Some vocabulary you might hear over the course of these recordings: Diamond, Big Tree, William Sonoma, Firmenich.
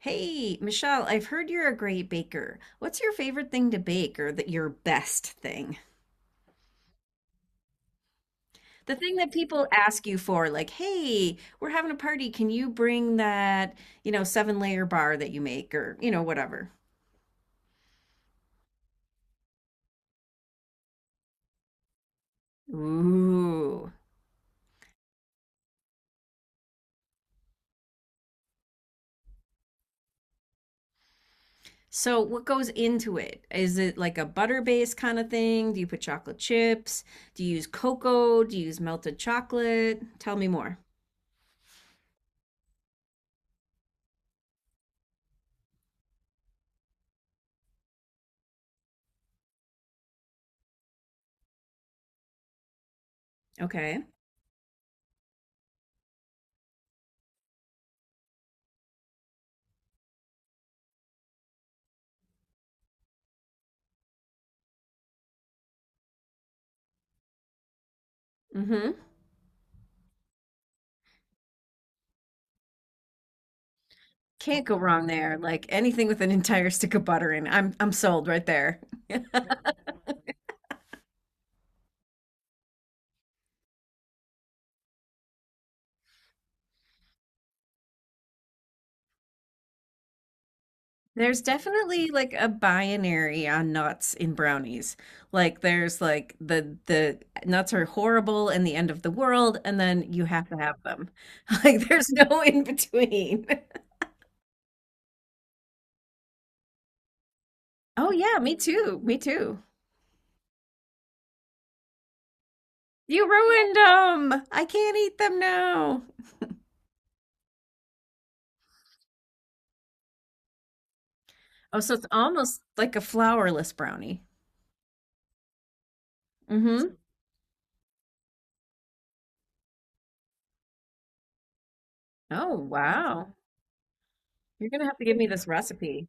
Hey, Michelle, I've heard you're a great baker. What's your favorite thing to bake or that your best thing? The thing that people ask you for, like, hey, we're having a party. Can you bring that, seven layer bar that you make or whatever? Ooh. So what goes into it? Is it like a butter-based kind of thing? Do you put chocolate chips? Do you use cocoa? Do you use melted chocolate? Tell me more. Okay. Mm-hmm. Can't go wrong there. Like anything with an entire stick of butter in, I'm sold right there. There's definitely like a binary on nuts in brownies. Like there's like the nuts are horrible and the end of the world, and then you have to have them. Like there's no in between. Oh yeah, me too. Me too. You ruined them. I can't eat them now. Oh, so it's almost like a flourless brownie. Mm-hmm. Oh wow. You're gonna have to give me this recipe.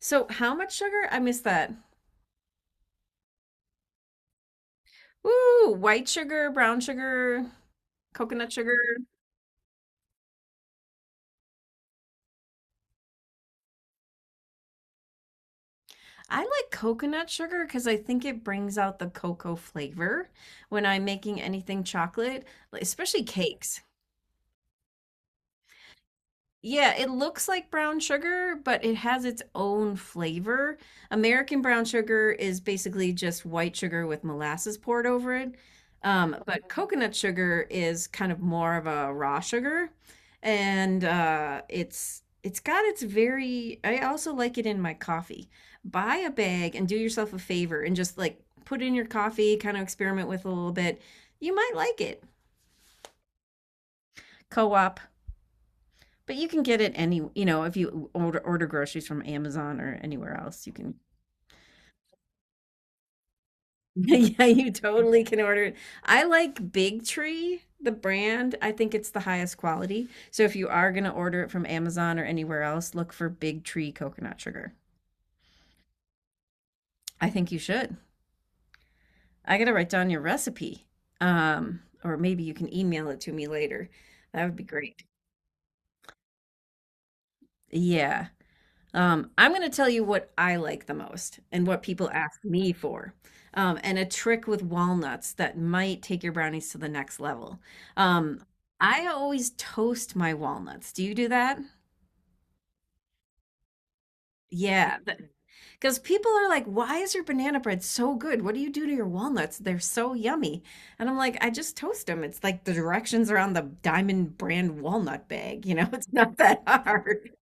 So, how much sugar? I missed that. Ooh, white sugar, brown sugar, coconut sugar. I like coconut sugar because I think it brings out the cocoa flavor when I'm making anything chocolate, like- especially cakes. Yeah, it looks like brown sugar, but it has its own flavor. American brown sugar is basically just white sugar with molasses poured over it. But coconut sugar is kind of more of a raw sugar, and it's got its very. I also like it in my coffee. Buy a bag and do yourself a favor and just like put it in your coffee, kind of experiment with it a little bit. You might like it. Co-op. But you can get it any, you know, if you order groceries from Amazon or anywhere else, you can. Yeah, you totally can order it. I like Big Tree, the brand. I think it's the highest quality. So if you are going to order it from Amazon or anywhere else, look for Big Tree coconut sugar. I think you should. I got to write down your recipe. Or maybe you can email it to me later. That would be great. Yeah. I'm going to tell you what I like the most and what people ask me for. And a trick with walnuts that might take your brownies to the next level. Um, I always toast my walnuts. Do you do that? Yeah, because people are like, why is your banana bread so good? What do you do to your walnuts? They're so yummy. And I'm like, I just toast them. It's like the directions are on the Diamond brand walnut bag. You know, it's not that hard.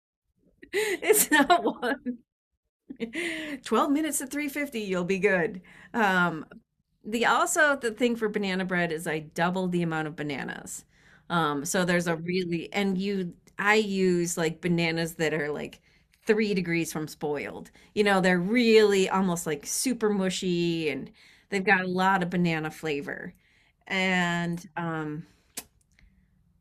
It's not, 12 minutes at 350, you'll be good. Um, the also the thing for banana bread is I double the amount of bananas. So there's a really and you I use like bananas that are like 3 degrees from spoiled. You know, they're really almost like super mushy and they've got a lot of banana flavor. And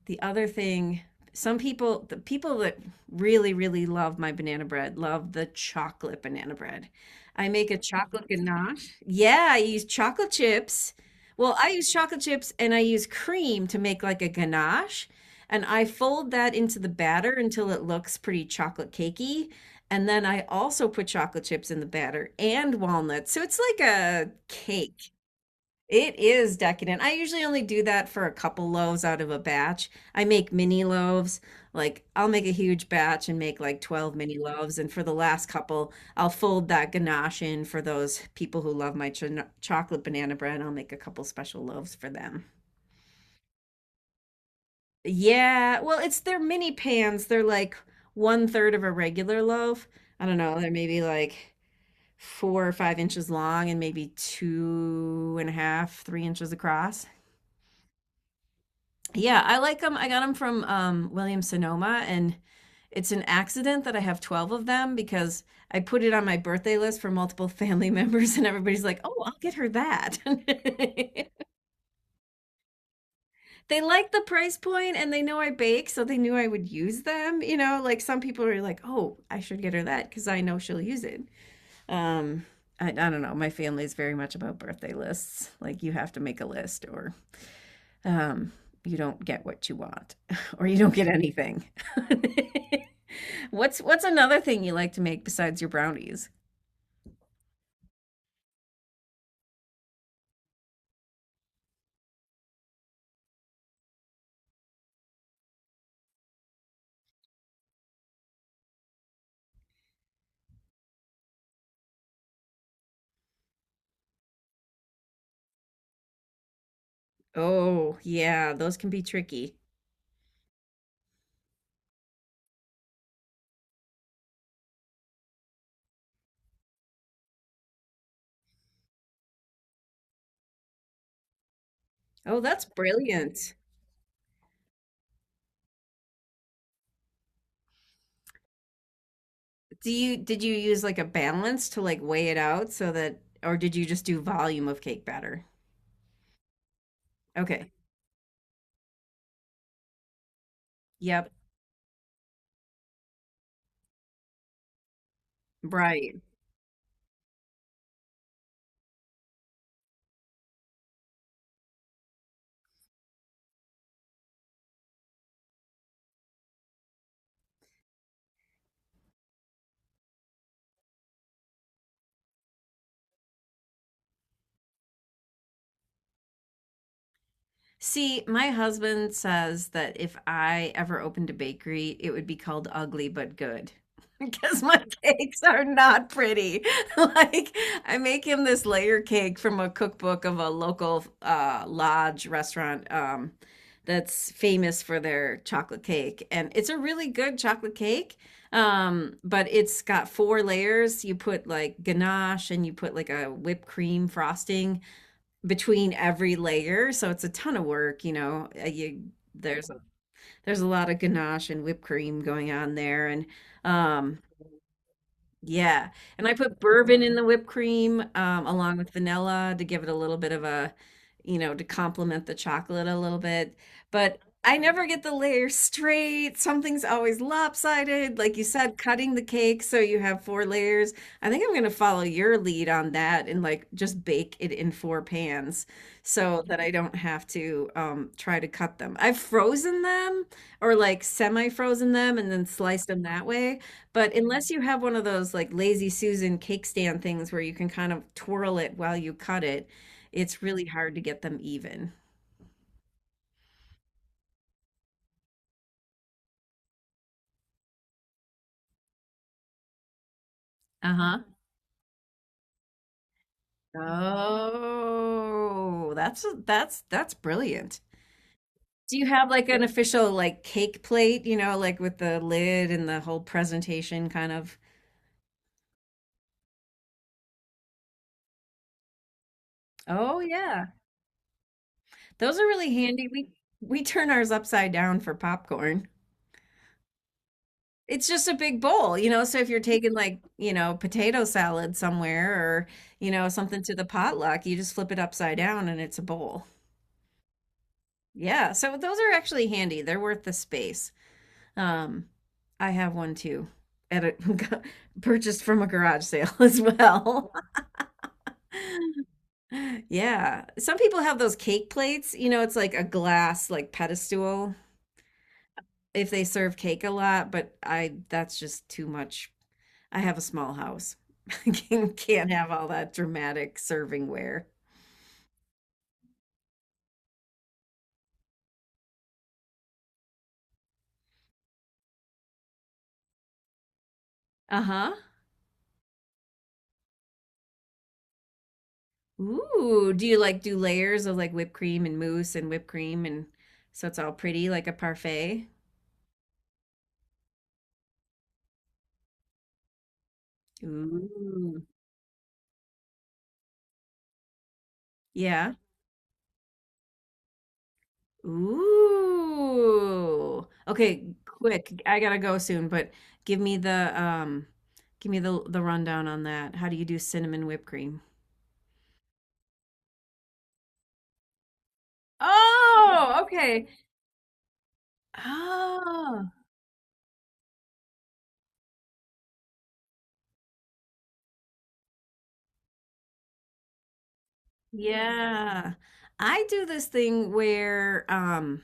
The other thing some people the people that really love my banana bread love the chocolate banana bread. I make a chocolate ganache, yeah, I use chocolate chips. Well, I use chocolate chips and I use cream to make like a ganache, and I fold that into the batter until it looks pretty chocolate cakey, and then I also put chocolate chips in the batter and walnuts, so it's like a cake. It is decadent. I usually only do that for a couple loaves out of a batch. I make mini loaves. Like I'll make a huge batch and make like 12 mini loaves. And for the last couple, I'll fold that ganache in for those people who love my ch chocolate banana bread. I'll make a couple special loaves for them. Yeah, well, it's their mini pans. They're like one third of a regular loaf. I don't know. They're maybe like 4 or 5 inches long and maybe two and a half, 3 inches across. Yeah, I like them. I got them from William Sonoma, and it's an accident that I have 12 of them because I put it on my birthday list for multiple family members, and everybody's like, oh, I'll get her that. They like the price point and they know I bake, so they knew I would use them. You know, like some people are like, oh, I should get her that because I know she'll use it. Um, I don't know. My family is very much about birthday lists. Like, you have to make a list, or um, you don't get what you want or you don't get anything. What's another thing you like to make besides your brownies? Oh, yeah, those can be tricky. Oh, that's brilliant. Do you did you use like a balance to like weigh it out so that or did you just do volume of cake batter? Okay. Yep. Right. See, my husband says that if I ever opened a bakery, it would be called Ugly But Good because my cakes are not pretty. Like, I make him this layer cake from a cookbook of a local lodge restaurant that's famous for their chocolate cake. And it's a really good chocolate cake, but it's got four layers. You put like ganache and you put like a whipped cream frosting between every layer. So it's a ton of work, you know. You there's a lot of ganache and whipped cream going on there, and um, yeah. And I put bourbon in the whipped cream along with vanilla to give it a little bit of a, you know, to complement the chocolate a little bit. But I never get the layer straight. Something's always lopsided. Like you said, cutting the cake so you have four layers. I think I'm going to follow your lead on that and like just bake it in four pans so that I don't have to try to cut them. I've frozen them or like semi-frozen them and then sliced them that way. But unless you have one of those like lazy Susan cake stand things where you can kind of twirl it while you cut it, it's really hard to get them even. Uh-huh. Oh, that's brilliant. Do you have like an official like cake plate, you know, like with the lid and the whole presentation kind of? Oh yeah. Those are really handy. We turn ours upside down for popcorn. It's just a big bowl, you know? So if you're taking like, you know, potato salad somewhere or, you know, something to the potluck, you just flip it upside down and it's a bowl. Yeah, so those are actually handy. They're worth the space. Um, I have one too at a purchased from a garage sale as well. Yeah. Some people have those cake plates, you know, it's like a glass like pedestal if they serve cake a lot, but I that's just too much. I have a small house. I can- can't have all that dramatic servingware. Uh-huh. Ooh, do you like do layers of like whipped cream and mousse and whipped cream and so it's all pretty like a parfait? Ooh. Yeah. Ooh. Okay, quick. I gotta go soon, but give me the give me the rundown on that. How do you do cinnamon whipped cream? Oh, okay. Oh. Yeah. I do this thing where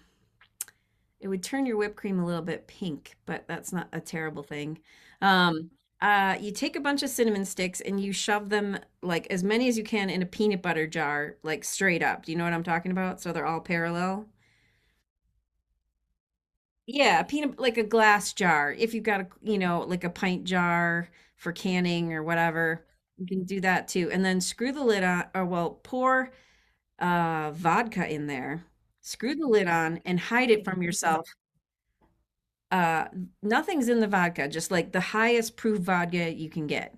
it would turn your whipped cream a little bit pink, but that's not a terrible thing. Um you take a bunch of cinnamon sticks and you shove them like as many as you can in a peanut butter jar, like straight up. Do you know what I'm talking about? So they're all parallel. Yeah, a peanut like a glass jar. If you've got a, you know, like a pint jar for canning or whatever, you can do that too. And then screw the lid on, or well, pour vodka in there, screw the lid on, and hide it from yourself. Uh, Nothing's in the vodka, just like the highest proof vodka you can get,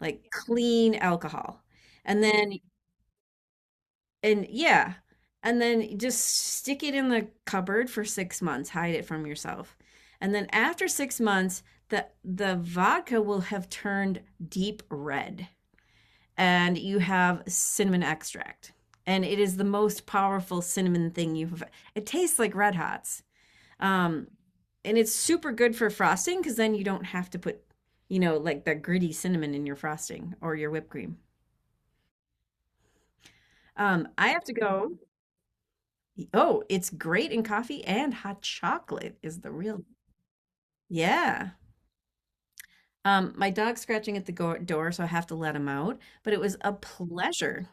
like clean alcohol. And then, and yeah, and then just stick it in the cupboard for 6 months, hide it from yourself. And then after 6 months, the vodka will have turned deep red. And you have cinnamon extract. And it is the most powerful cinnamon thing you've. It tastes like Red Hots. Um, and it's super good for frosting because then you don't have to put, you know, like the gritty cinnamon in your frosting or your whipped cream. I have to go. Oh, it's great in coffee and hot chocolate is the real. Yeah. My dog's scratching at the door, so I have to let him out. But it was a pleasure